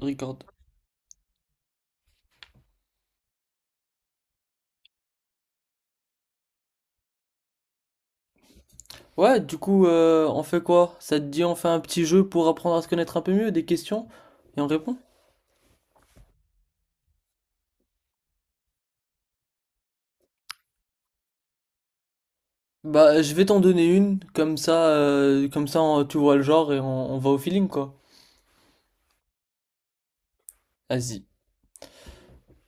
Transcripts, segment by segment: Record. Ouais, du coup, on fait quoi? Ça te dit, on fait un petit jeu pour apprendre à se connaître un peu mieux, des questions, et on répond? Bah, je vais t'en donner une, comme ça, tu vois le genre et on va au feeling, quoi. Vas-y.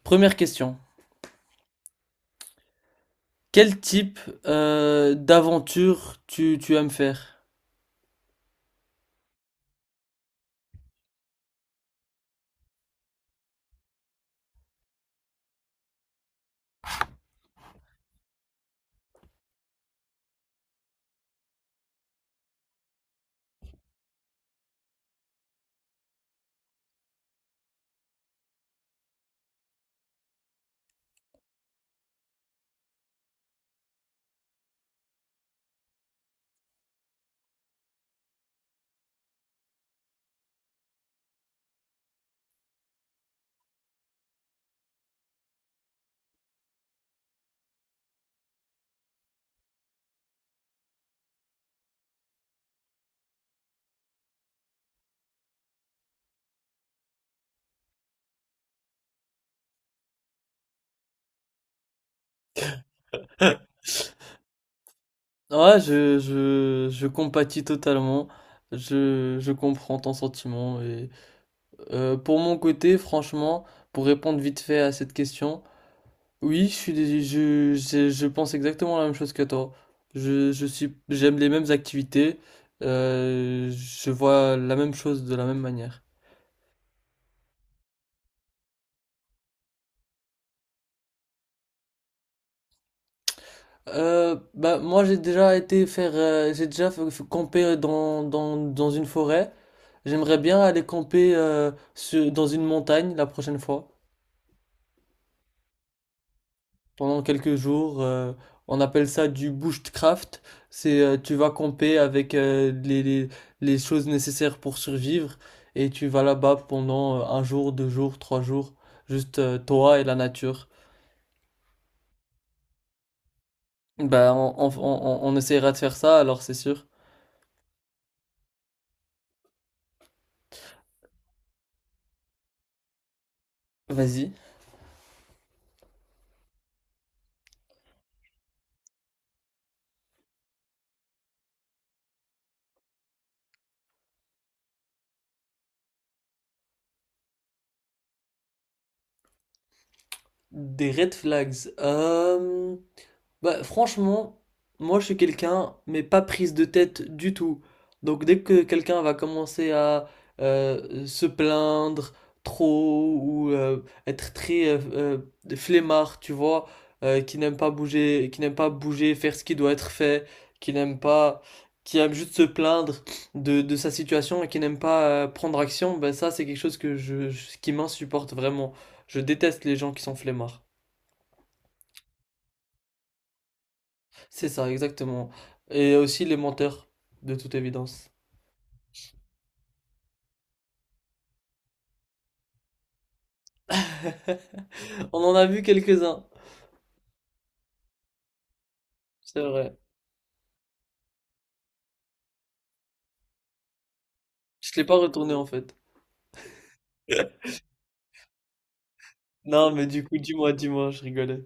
Première question. Quel type d'aventure tu aimes faire? Ouais, je compatis totalement. Je comprends ton sentiment. Et, pour mon côté, franchement, pour répondre vite fait à cette question, oui, je pense exactement la même chose que toi. Je suis, j'aime les mêmes activités. Je vois la même chose de la même manière. Bah moi j'ai déjà été faire, j'ai déjà fait camper dans une forêt. J'aimerais bien aller camper dans une montagne la prochaine fois. Pendant quelques jours. On appelle ça du bushcraft. C'est tu vas camper avec les choses nécessaires pour survivre et tu vas là-bas pendant un jour, deux jours, trois jours, juste toi et la nature. Ben on essaiera de faire ça, alors c'est sûr. Vas-y. Des red flags. Bah, franchement, moi je suis quelqu'un, mais pas prise de tête du tout. Donc dès que quelqu'un va commencer à se plaindre trop ou être très flemmard, tu vois, qui n'aime pas bouger, qui n'aime pas bouger, faire ce qui doit être fait, qui n'aime pas, qui aime juste se plaindre de sa situation et qui n'aime pas prendre action, ben ça c'est quelque chose que qui m'insupporte vraiment. Je déteste les gens qui sont flemmards. C'est ça, exactement. Et aussi les menteurs, de toute évidence. On en a vu quelques-uns, c'est vrai. Je l'ai pas retourné en fait. Non, mais du coup, dis-moi, dis-moi, je rigolais.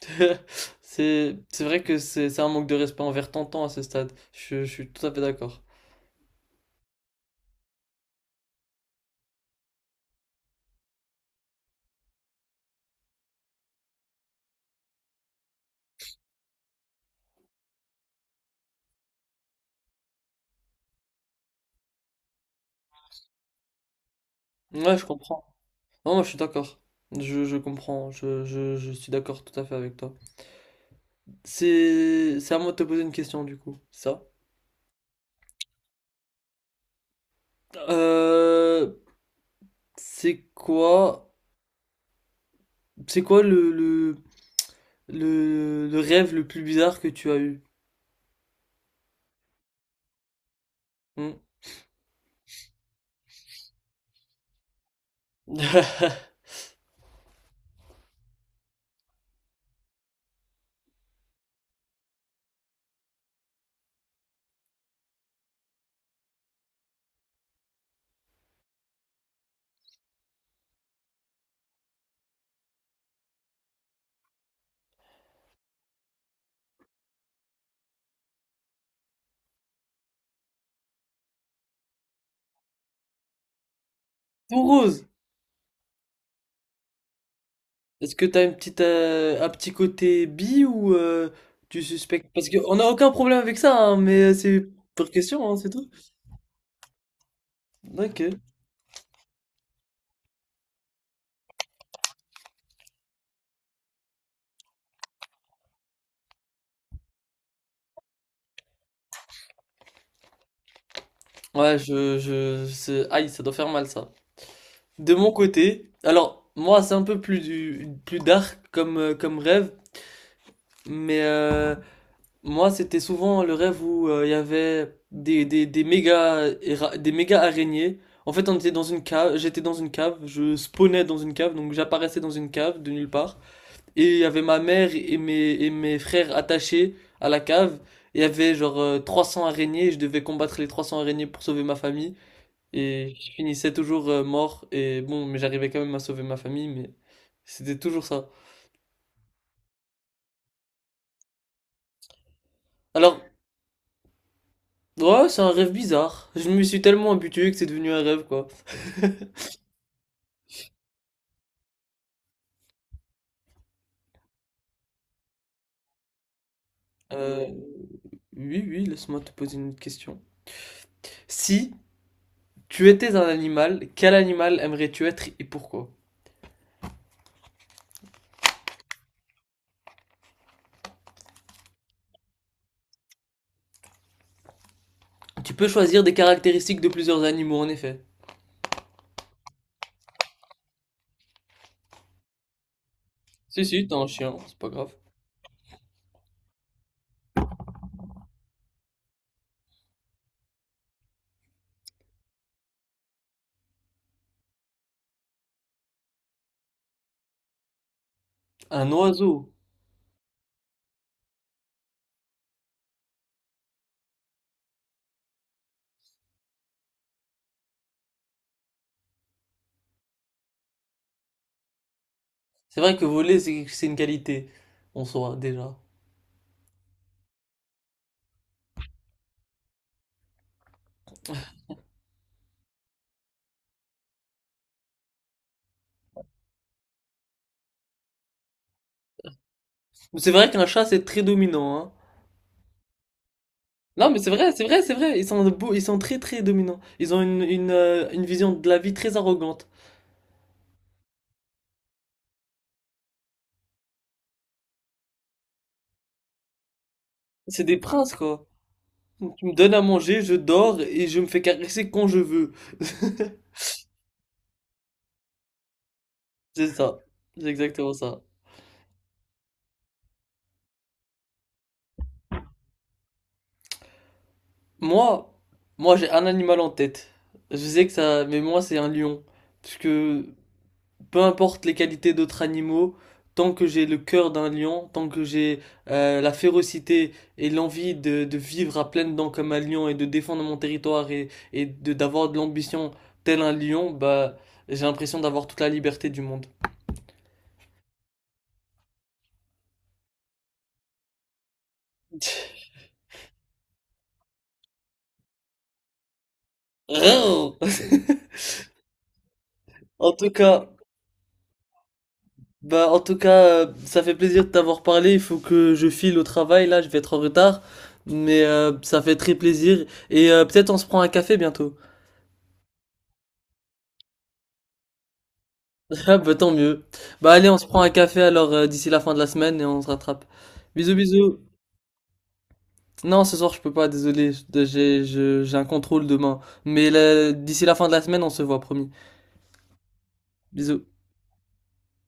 C'est vrai que c'est un manque de respect envers Tantan à ce stade. Je suis tout à fait d'accord. Ouais, je comprends. Non, moi, je suis d'accord. Je comprends. Je suis d'accord tout à fait avec toi. C'est à moi de te poser une question, du coup. Ça. Euh, c'est quoi, c'est quoi le rêve le plus bizarre que tu as eu. Hmm. Pour Rose, est-ce que t'as une petite, un petit côté bi ou tu suspectes? Parce qu'on n'a aucun problème avec ça, hein, mais c'est pour question, hein, c'est tout. Ok. Ouais, c'est- aïe, ça doit faire mal ça. De mon côté, alors moi c'est un peu plus plus dark comme, comme rêve, mais moi, c'était souvent le rêve où il y avait des des méga araignées. En fait, on était dans une cave, j'étais dans une cave, je spawnais dans une cave, donc j'apparaissais dans une cave de nulle part. Et il y avait ma mère et et mes frères attachés à la cave. Il y avait genre 300 araignées, et je devais combattre les 300 araignées pour sauver ma famille. Et je finissais toujours mort. Et bon, mais j'arrivais quand même à sauver ma famille, mais c'était toujours ça. Alors, ouais, c'est un rêve bizarre. Je me suis tellement habitué que c'est devenu un rêve, quoi. Euh, oui, oui, laisse-moi te poser une autre question. Si tu étais un animal, quel animal aimerais-tu être et pourquoi? Tu peux choisir des caractéristiques de plusieurs animaux, en effet. Si, si, t'es un chien, c'est pas grave. Un oiseau. C'est vrai que voler, c'est une qualité, en soi, déjà. Mais c'est vrai qu'un chat, c'est très dominant, hein. Non, mais c'est vrai, c'est vrai, c'est vrai. Ils sont beaux, ils sont très, très dominants. Ils ont une vision de la vie très arrogante. C'est des princes, quoi. Tu me donnes à manger, je dors et je me fais caresser quand je veux. C'est ça, c'est exactement ça. Moi, Moi j'ai un animal en tête. Je sais que ça, mais moi c'est un lion. Parce que peu importe les qualités d'autres animaux, tant que j'ai le cœur d'un lion, tant que j'ai la férocité et l'envie de vivre à pleines dents comme un lion et de défendre mon territoire et de d'avoir de l'ambition tel un lion, bah j'ai l'impression d'avoir toute la liberté du monde. En tout cas. Bah, en tout cas, ça fait plaisir de t'avoir parlé. Il faut que je file au travail, là, je vais être en retard. Mais ça fait très plaisir. Et peut-être on se prend un café bientôt. Ah, bah, tant mieux. Bah, allez, on se prend un café alors d'ici la fin de la semaine et on se rattrape. Bisous, bisous. Non, ce soir, je peux pas, désolé. J'ai un contrôle demain. Mais là, d'ici la fin de la semaine, on se voit, promis. Bisous.